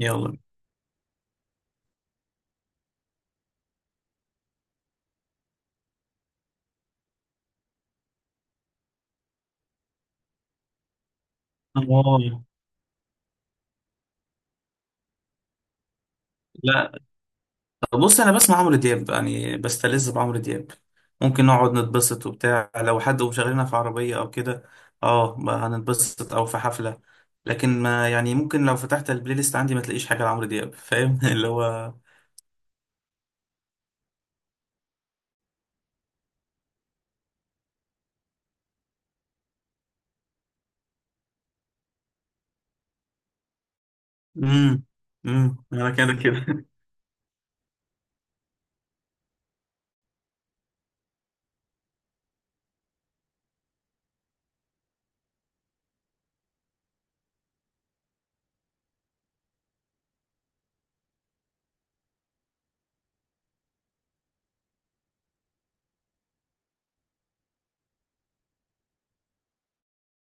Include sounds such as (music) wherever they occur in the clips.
يلا. اه. لا، بص انا بسمع عمرو دياب، يعني بستلذ بعمرو دياب. ممكن نقعد نتبسط وبتاع لو حد مشغلنا في عربية او كده. اه، ما هنتبسط او في حفلة. لكن ما يعني ممكن لو فتحت البلاي ليست عندي ما تلاقيش حاجة لعمرو دياب، فاهم؟ (laughs) اللي هو امم انا كده كده.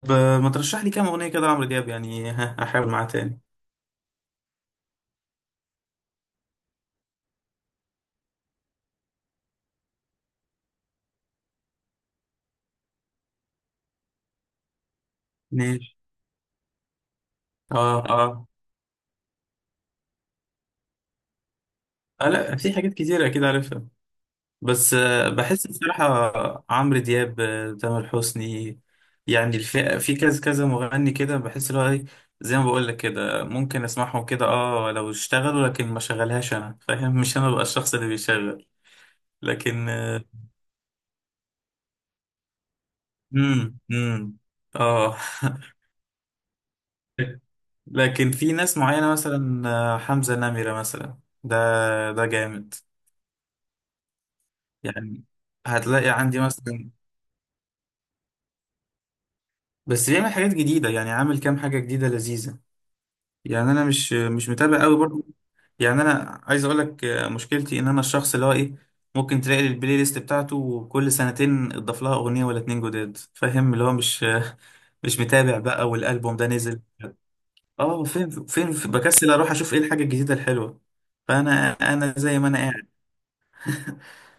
طب ما ترشح لي كام اغنية كده لعمرو دياب يعني؟ (laughs) ها احاول معاه تاني. ماشي. اه اه. لا، في حاجات كتيرة كده عارفها. بس بحس بصراحة عمرو دياب، تامر حسني، يعني الفئة في كذا كذا مغني كده، بحس اللي هو إيه، زي ما بقول لك كده، ممكن اسمعهم كده اه لو اشتغلوا، لكن ما شغلهاش انا فاهم؟ مش انا بقى الشخص اللي بيشغل. لكن امم امم اه. (laughs) لكن في ناس معينة مثلا، حمزة نمرة مثلا، ده ده جامد. يعني هتلاقي عندي مثلا، بس بيعمل حاجات جديدة، يعني عامل كام حاجة جديدة لذيذة. يعني انا مش متابع قوي برضه. يعني انا عايز اقول لك مشكلتي ان انا الشخص اللي هو ايه، ممكن تلاقي البلاي ليست بتاعته كل سنتين اضاف لها اغنيه ولا اتنين جداد، فاهم؟ اللي هو مش (laughs) مش متابع بقى، والالبوم ده نزل اه فين بكسل اروح اشوف ايه الحاجه الجديده الحلوه. فانا زي ما انا قاعد. (laughs)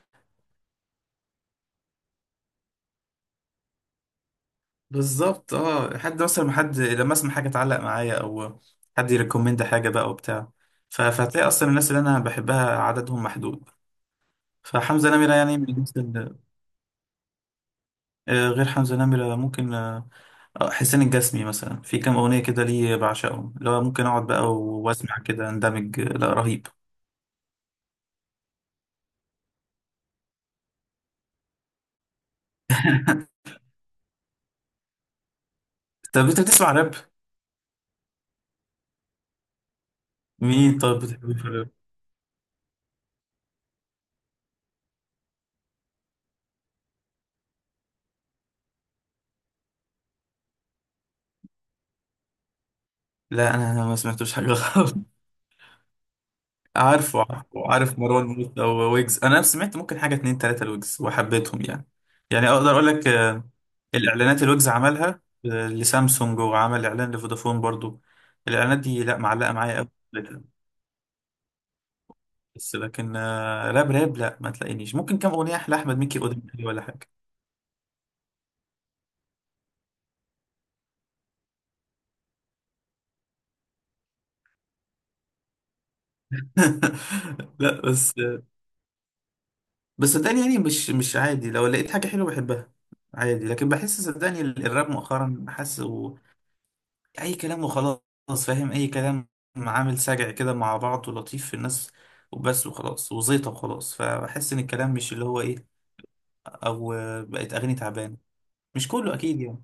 بالظبط. اه، حد مثلا، ما حد لما اسمع حاجه تعلق معايا او حد يريكومند حاجه بقى وبتاع، فهتلاقي اصلا الناس اللي انا بحبها عددهم محدود. فحمزه نمره يعني من الناس. غير حمزة نمرة ممكن حسين الجسمي مثلا، في كام أغنية كده ليه بعشقهم، لو ممكن أقعد بقى وأسمع كده أندمج، لا، رهيب. (laughs) طب أنت بتسمع راب؟ مين طب بتحبه في الراب؟ لا، أنا ما سمعتوش حاجة خالص. (laughs) عارف مروان موسى وويجز. أنا سمعت ممكن حاجة اتنين تلاتة لويجز وحبيتهم، يعني يعني أقدر أقول لك الإعلانات اللي ويجز عملها لسامسونج، وعمل إعلان لفودافون برضو. الإعلانات دي لا، معلقة معايا أوي. بس لكن راب راب لا، ما تلاقينيش ممكن كام اغنيه لاحمد مكي قدامي ولا حاجه. (laughs) لا بس صدقني، يعني مش عادي لو لقيت حاجه حلوه بحبها عادي، لكن بحس صدقني الراب مؤخرا حاسه اي كلام وخلاص، فاهم؟ اي كلام، عامل سجع كده مع بعض ولطيف في الناس، وبس وخلاص وزيطه وخلاص. فبحس ان الكلام مش اللي هو ايه، او بقت اغاني تعبانه. مش كله اكيد يعني.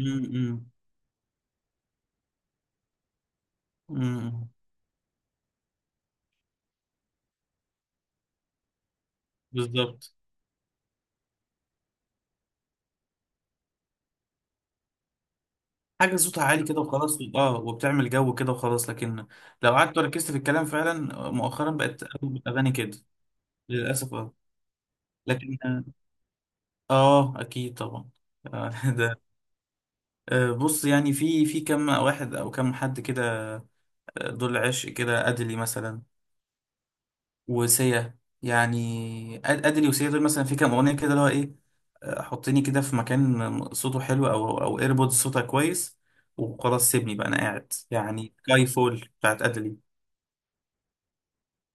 امم امم بالظبط. حاجة صوتها عالي كده وخلاص اه، وبتعمل جو كده وخلاص، لكن لو قعدت وركزت في الكلام فعلا، مؤخرا بقت أغلب الأغاني كده للأسف. اه لكن اه، أكيد طبعا. آه، (laughs) ده بص، يعني في كم واحد أو كم حد كده، دول عشق كده، أدلي مثلا، وسيا، يعني أدلي وسيا دول مثلا، في كام أغنية كده، اللي هو إيه، حطيني كده في مكان صوته حلو، أو إيربودز صوتها كويس، وخلاص سيبني بقى، أنا قاعد، يعني سكاي فول بتاعت أدلي.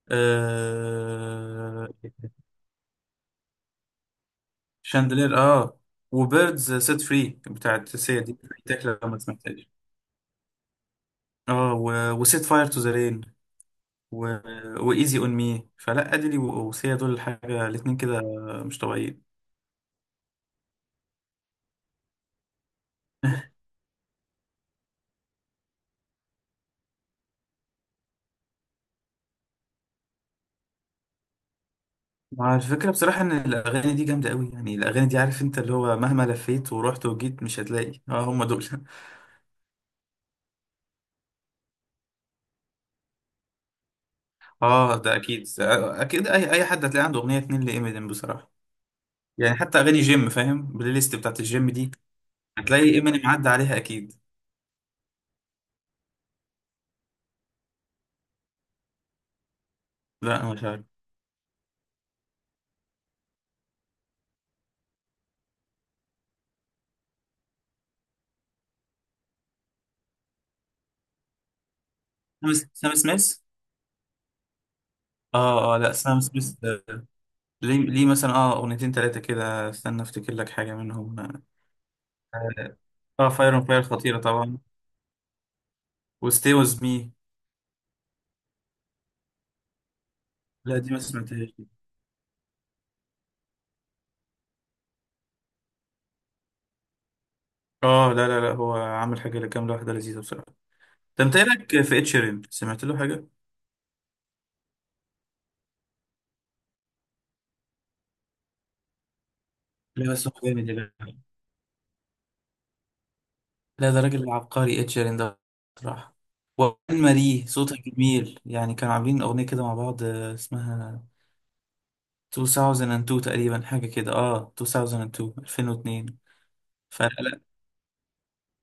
آه... شاندلير، اه، وبيردز سيت فري بتاعت سيا دي، تاكل لو ما سمعتهاش. اه وسيت فاير تو ذا رين، و... وايزي اون مي، فلا ادلي وسيا دول حاجه، الاتنين كده مش طبيعيين. مع الفكره، بصراحه ان الاغاني دي جامده قوي. يعني الاغاني دي، عارف انت، اللي هو مهما لفيت ورحت وجيت مش هتلاقي اه هم دول. (laughs) اه، ده اكيد اكيد، اي حد هتلاقي عنده اغنيه اتنين لإمينيم بصراحه. يعني حتى اغاني جيم، فاهم؟ البلاي ليست بتاعت الجيم دي هتلاقي ايماني معدي عليها اكيد. لا أنا مش عارف. سام سميث؟ اه اه، لا سام سميث، ليه مثلا اه، اغنيتين ثلاثه كده، استنى افتكر لك حاجه منهم. اه، فاير اون فاير خطيره طبعا، وستي ويز مي. لا دي ما سمعتهاش دي. اه لا لا لا، هو عامل حاجه كام واحده لذيذه بصراحه. ده انت إيه رايك في اتشيرين؟ سمعت له حاجه؟ لا بس هو جامد يا جدع. لا، ده راجل عبقري اتشيرين ده بصراحه. وان ماري صوتها جميل. يعني كانوا عاملين اغنيه كده مع بعض اسمها 2002 تقريبا، حاجة كده، اه 2002 2002. فلا لا،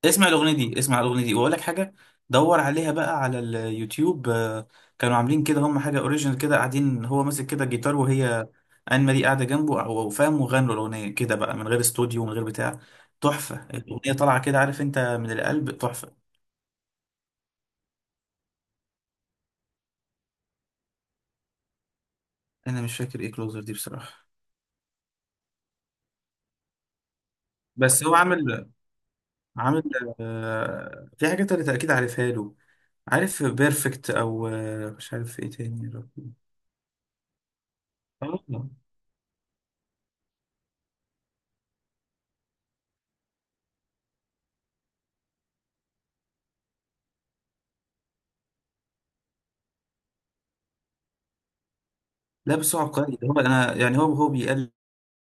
اسمع الأغنية دي، اسمع الأغنية دي وأقول لك حاجة. دور عليها بقى على اليوتيوب. كانوا عاملين كده، هم حاجة أوريجينال كده قاعدين، هو ماسك كده جيتار وهي آن ماري قاعدة جنبه أو أو فاهم، وغنوا الأغنية كده بقى من غير استوديو من غير بتاع. تحفة، الأغنية طالعة كده عارف أنت، من القلب، تحفة. أنا مش فاكر إيه كلوزر دي بصراحة. بس هو عامل في حاجات أنا أكيد عارفها له. عارف بيرفكت، أو مش عارف إيه تاني يا ربي. آه، لا بس هو عبقري ده، هو أنا يعني، هو بيقل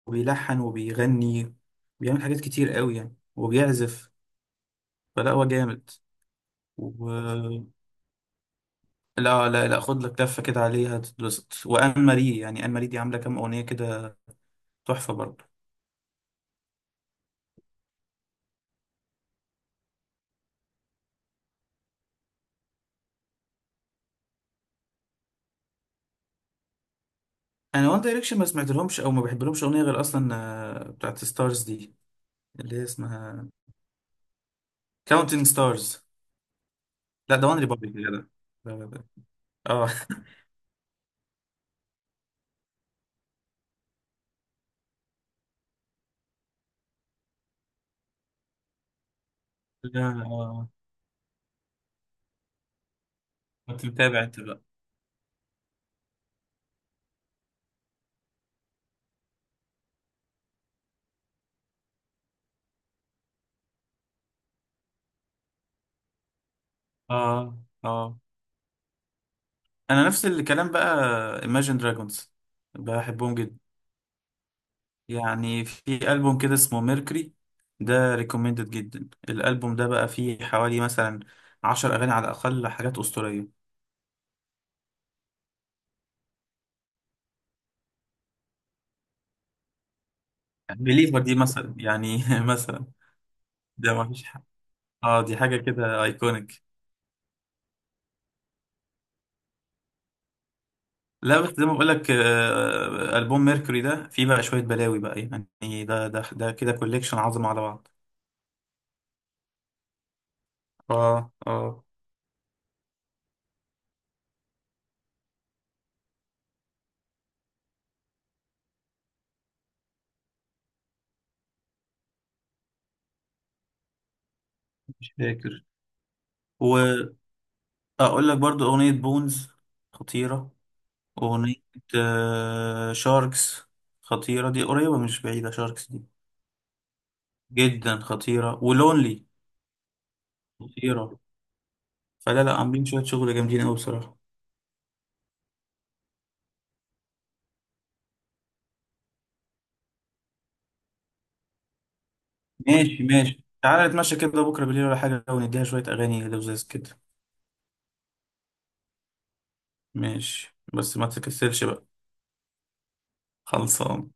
وبيلحن وبيغني، بيعمل حاجات كتير قوي يعني، وبيعزف. فلا، هو جامد. و لا لا لا، خد لك لفة كده عليها تتبسط. وآن ماري، يعني آن ماري دي عاملة كام أغنية كده، تحفة برضه. أنا وان دايركشن ما سمعت لهمش أو ما بحب لهمش أغنية، غير أصلا بتاعت ستارز دي، اللي هي اسمها كاونتين ستارز. لا ده وان ريبابليك يا جدع. ده- ده- اه. (laughs) لا، اه، كنت متابع انت بقى. اه اه، انا نفس الكلام بقى. Imagine Dragons بحبهم جدا. يعني في ألبوم كده اسمه ميركوري، ده ريكومندد جدا، الألبوم ده بقى فيه حوالي مثلا 10 أغاني على الأقل حاجات أسطورية. بليفر دي مثلا يعني، (laughs) مثلا ده ما فيش حاجة، اه، دي حاجة كده ايكونيك. لا بس زي ما بقول لك ألبوم ميركوري ده فيه بقى شوية بلاوي بقى، يعني ده ده كده كوليكشن عظمة على بعض. اه اه، مش فاكر. وأقول لك برضو أغنية بونز خطيرة، أغنية شاركس خطيرة، دي قريبة مش بعيدة شاركس دي، جدا خطيرة، ولونلي خطيرة. فلا لا، عاملين شوية شغل جامدين أوي بصراحة. ماشي ماشي، تعالى نتمشى كده بكرة بالليل ولا حاجة، ونديها شوية أغاني لذيذ كده. ماشي، بس ما تكسلش بقى. خلصان.